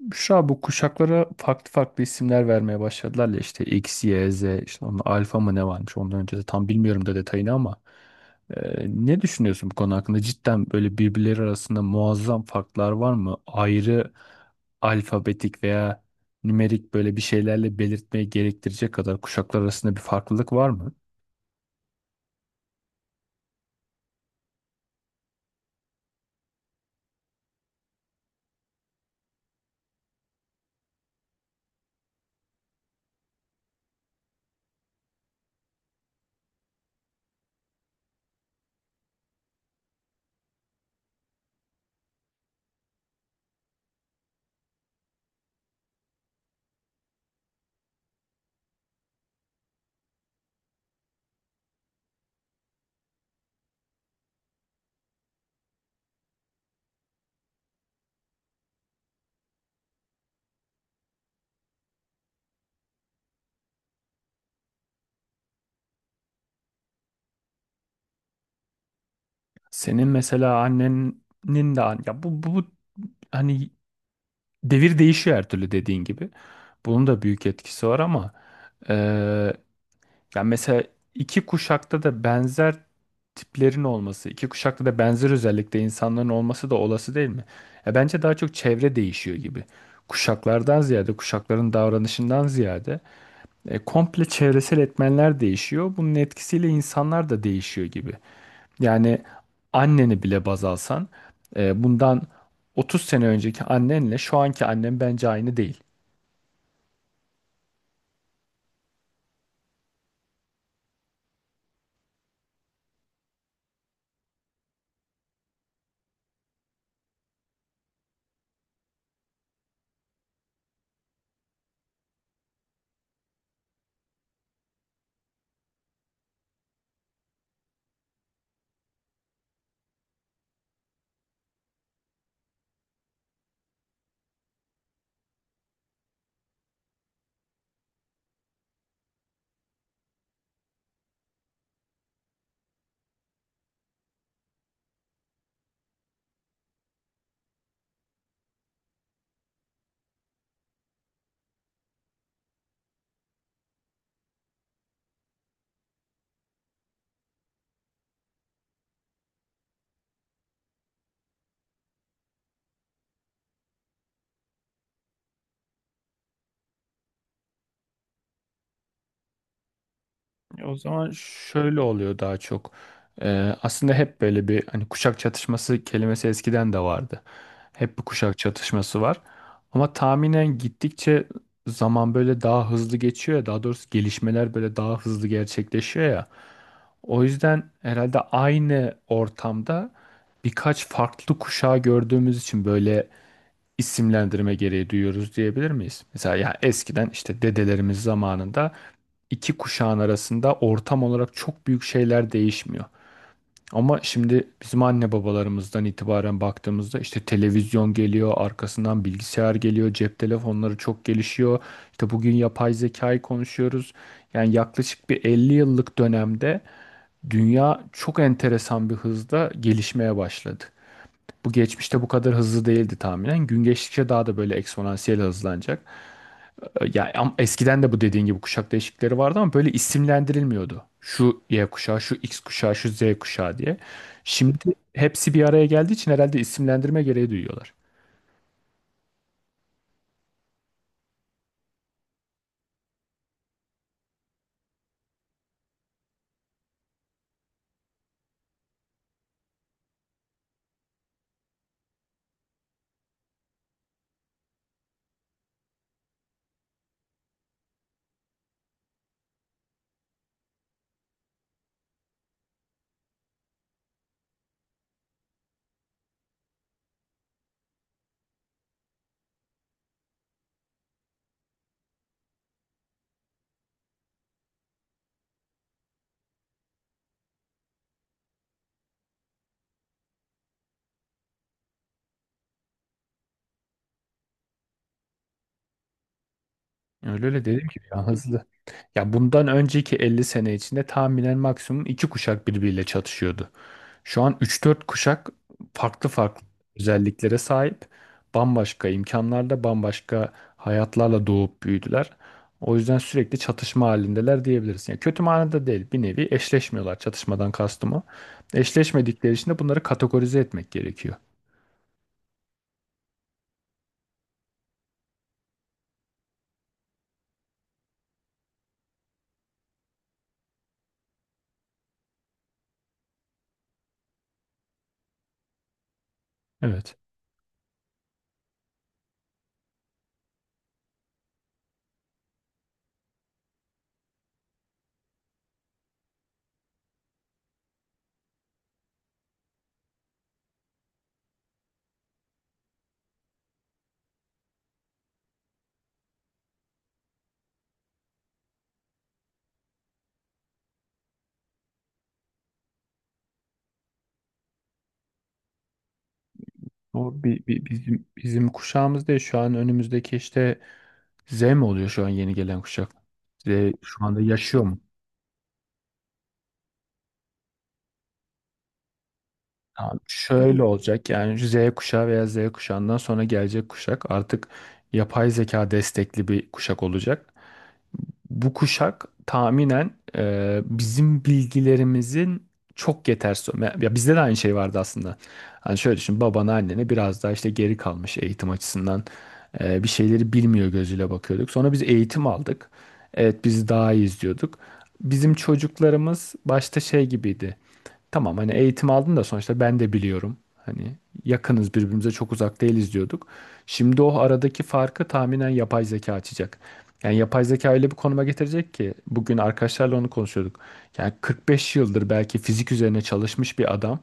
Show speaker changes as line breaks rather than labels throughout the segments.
Büşra bu kuşaklara farklı farklı isimler vermeye başladılar ya işte X, Y, Z işte onun alfa mı ne varmış ondan önce de tam bilmiyorum da detayını ama ne düşünüyorsun bu konu hakkında? Cidden böyle birbirleri arasında muazzam farklar var mı? Ayrı alfabetik veya nümerik böyle bir şeylerle belirtmeye gerektirecek kadar kuşaklar arasında bir farklılık var mı? Senin mesela annenin de ya bu hani devir değişiyor her türlü dediğin gibi. Bunun da büyük etkisi var ama yani mesela iki kuşakta da benzer tiplerin olması, iki kuşakta da benzer özellikle insanların olması da olası değil mi? Ya bence daha çok çevre değişiyor gibi. Kuşaklardan ziyade, kuşakların davranışından ziyade komple çevresel etmenler değişiyor. Bunun etkisiyle insanlar da değişiyor gibi. Yani anneni bile baz alsan, bundan 30 sene önceki annenle şu anki annen bence aynı değil. O zaman şöyle oluyor daha çok. Aslında hep böyle bir hani kuşak çatışması kelimesi eskiden de vardı. Hep bir kuşak çatışması var. Ama tahminen gittikçe zaman böyle daha hızlı geçiyor ya, daha doğrusu gelişmeler böyle daha hızlı gerçekleşiyor ya. O yüzden herhalde aynı ortamda birkaç farklı kuşağı gördüğümüz için böyle isimlendirme gereği duyuyoruz diyebilir miyiz? Mesela ya eskiden işte dedelerimiz zamanında iki kuşağın arasında ortam olarak çok büyük şeyler değişmiyor. Ama şimdi bizim anne babalarımızdan itibaren baktığımızda işte televizyon geliyor, arkasından bilgisayar geliyor, cep telefonları çok gelişiyor. İşte bugün yapay zekayı konuşuyoruz. Yani yaklaşık bir 50 yıllık dönemde dünya çok enteresan bir hızda gelişmeye başladı. Bu geçmişte bu kadar hızlı değildi tahminen. Gün geçtikçe daha da böyle eksponansiyel hızlanacak. Ya eskiden de bu dediğin gibi kuşak değişiklikleri vardı ama böyle isimlendirilmiyordu. Şu Y kuşağı, şu X kuşağı, şu Z kuşağı diye. Şimdi hepsi bir araya geldiği için herhalde isimlendirme gereği duyuyorlar. Öyle öyle dedim ki ya hızlı. Ya bundan önceki 50 sene içinde tahminen maksimum iki kuşak birbiriyle çatışıyordu. Şu an üç dört kuşak farklı farklı özelliklere sahip. Bambaşka imkanlarda, bambaşka hayatlarla doğup büyüdüler. O yüzden sürekli çatışma halindeler diyebiliriz. Yani kötü manada değil, bir nevi eşleşmiyorlar, çatışmadan kastım o. Eşleşmedikleri için de bunları kategorize etmek gerekiyor. Evet. O bizim kuşağımız değil. Şu an önümüzdeki işte Z mi oluyor şu an yeni gelen kuşak? Z şu anda yaşıyor. Abi şöyle olacak, yani Z kuşağı veya Z kuşağından sonra gelecek kuşak artık yapay zeka destekli bir kuşak olacak. Bu kuşak tahminen bizim bilgilerimizin çok yetersiz. Ya bizde de aynı şey vardı aslında. Hani şöyle düşün, babana annene biraz daha işte geri kalmış eğitim açısından bir şeyleri bilmiyor gözüyle bakıyorduk. Sonra biz eğitim aldık. Evet biz daha iyiyiz diyorduk. Bizim çocuklarımız başta şey gibiydi. Tamam hani eğitim aldın da sonuçta ben de biliyorum. Hani yakınız birbirimize, çok uzak değiliz diyorduk. Şimdi o aradaki farkı tahminen yapay zeka açacak. Yani yapay zeka öyle bir konuma getirecek ki bugün arkadaşlarla onu konuşuyorduk. Yani 45 yıldır belki fizik üzerine çalışmış bir adam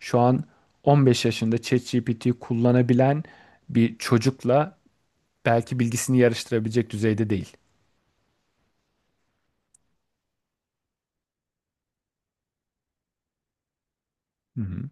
şu an 15 yaşında ChatGPT'yi kullanabilen bir çocukla belki bilgisini yarıştırabilecek düzeyde değil. Hı hı.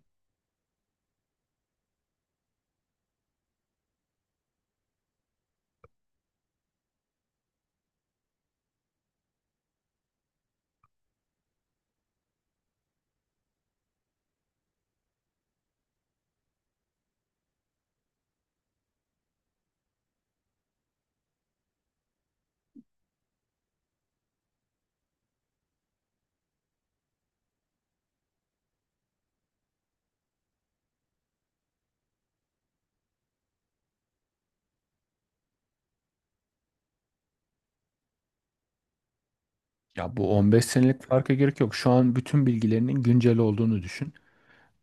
Ya bu 15 senelik farka gerek yok. Şu an bütün bilgilerinin güncel olduğunu düşün.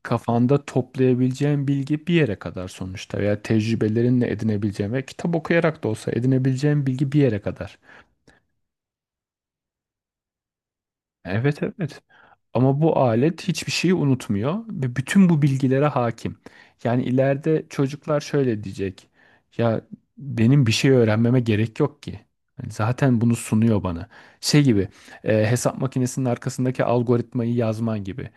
Kafanda toplayabileceğin bilgi bir yere kadar sonuçta, veya tecrübelerinle edinebileceğin ve kitap okuyarak da olsa edinebileceğin bilgi bir yere kadar. Evet, evet. Ama bu alet hiçbir şeyi unutmuyor ve bütün bu bilgilere hakim. Yani ileride çocuklar şöyle diyecek. Ya benim bir şey öğrenmeme gerek yok ki. Yani zaten bunu sunuyor bana. Şey gibi, hesap makinesinin arkasındaki algoritmayı yazman gibi.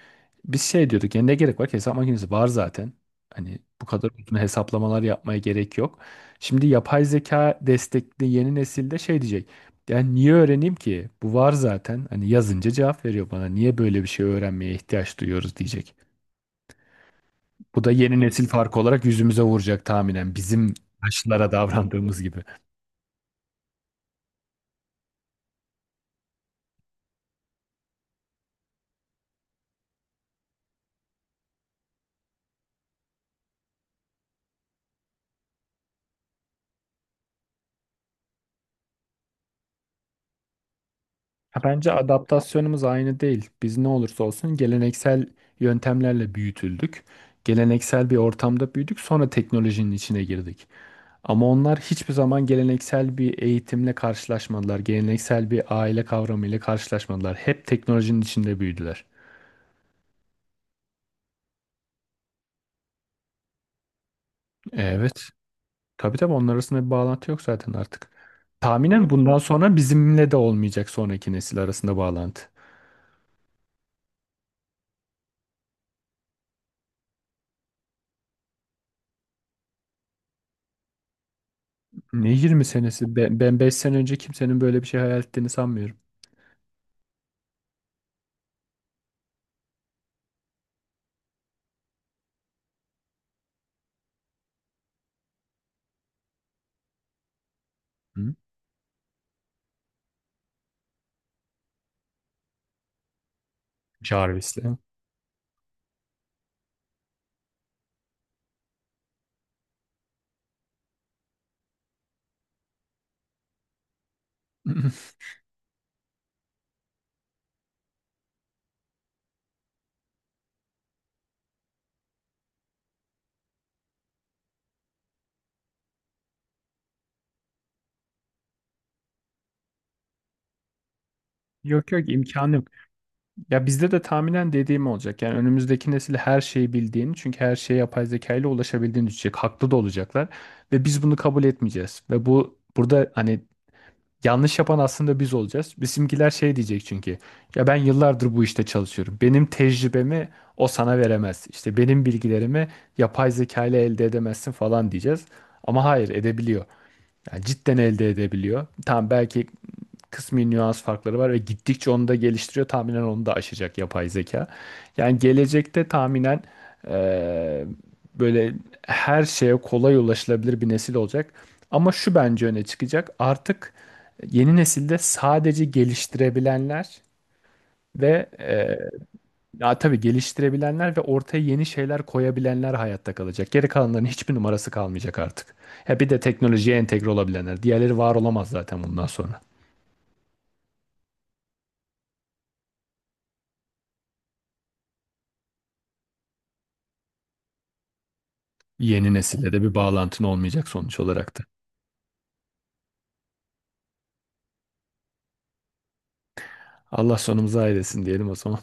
Biz şey diyorduk ya, ne gerek var ki, hesap makinesi var zaten. Hani bu kadar uzun hesaplamalar yapmaya gerek yok. Şimdi yapay zeka destekli yeni nesilde şey diyecek. Yani niye öğreneyim ki? Bu var zaten. Hani yazınca cevap veriyor bana. Niye böyle bir şey öğrenmeye ihtiyaç duyuyoruz diyecek. Bu da yeni nesil farkı olarak yüzümüze vuracak tahminen. Bizim yaşlılara davrandığımız gibi. Ha, bence adaptasyonumuz aynı değil. Biz ne olursa olsun geleneksel yöntemlerle büyütüldük. Geleneksel bir ortamda büyüdük, sonra teknolojinin içine girdik. Ama onlar hiçbir zaman geleneksel bir eğitimle karşılaşmadılar. Geleneksel bir aile kavramıyla karşılaşmadılar. Hep teknolojinin içinde büyüdüler. Evet. Tabii tabii, onlar arasında bir bağlantı yok zaten artık. Tahminen bundan sonra bizimle de olmayacak sonraki nesil arasında bağlantı. Ne 20 senesi? Ben 5 sene önce kimsenin böyle bir şey hayal ettiğini sanmıyorum. Hı? Jarvis'le. Yok yok, imkanı yok. Ya bizde de tahminen dediğim olacak. Yani önümüzdeki nesil her şeyi bildiğini, çünkü her şeye yapay zeka ile ulaşabildiğini düşünecek. Haklı da olacaklar ve biz bunu kabul etmeyeceğiz. Ve bu burada hani yanlış yapan aslında biz olacağız. Bizimkiler şey diyecek çünkü. Ya ben yıllardır bu işte çalışıyorum. Benim tecrübemi o sana veremez. İşte benim bilgilerimi yapay zeka ile elde edemezsin falan diyeceğiz. Ama hayır, edebiliyor. Yani cidden elde edebiliyor. Tamam belki kısmi nüans farkları var ve gittikçe onu da geliştiriyor. Tahminen onu da aşacak yapay zeka. Yani gelecekte tahminen eee, böyle her şeye kolay ulaşılabilir bir nesil olacak. Ama şu bence öne çıkacak. Artık yeni nesilde sadece geliştirebilenler ve e, ya tabii geliştirebilenler ve ortaya yeni şeyler koyabilenler hayatta kalacak. Geri kalanların hiçbir numarası kalmayacak artık. Ya bir de teknolojiye entegre olabilenler. Diğerleri var olamaz zaten bundan sonra. Yeni nesille de bir bağlantın olmayacak sonuç olarak da. Allah sonumuzu hayretsin diyelim o zaman.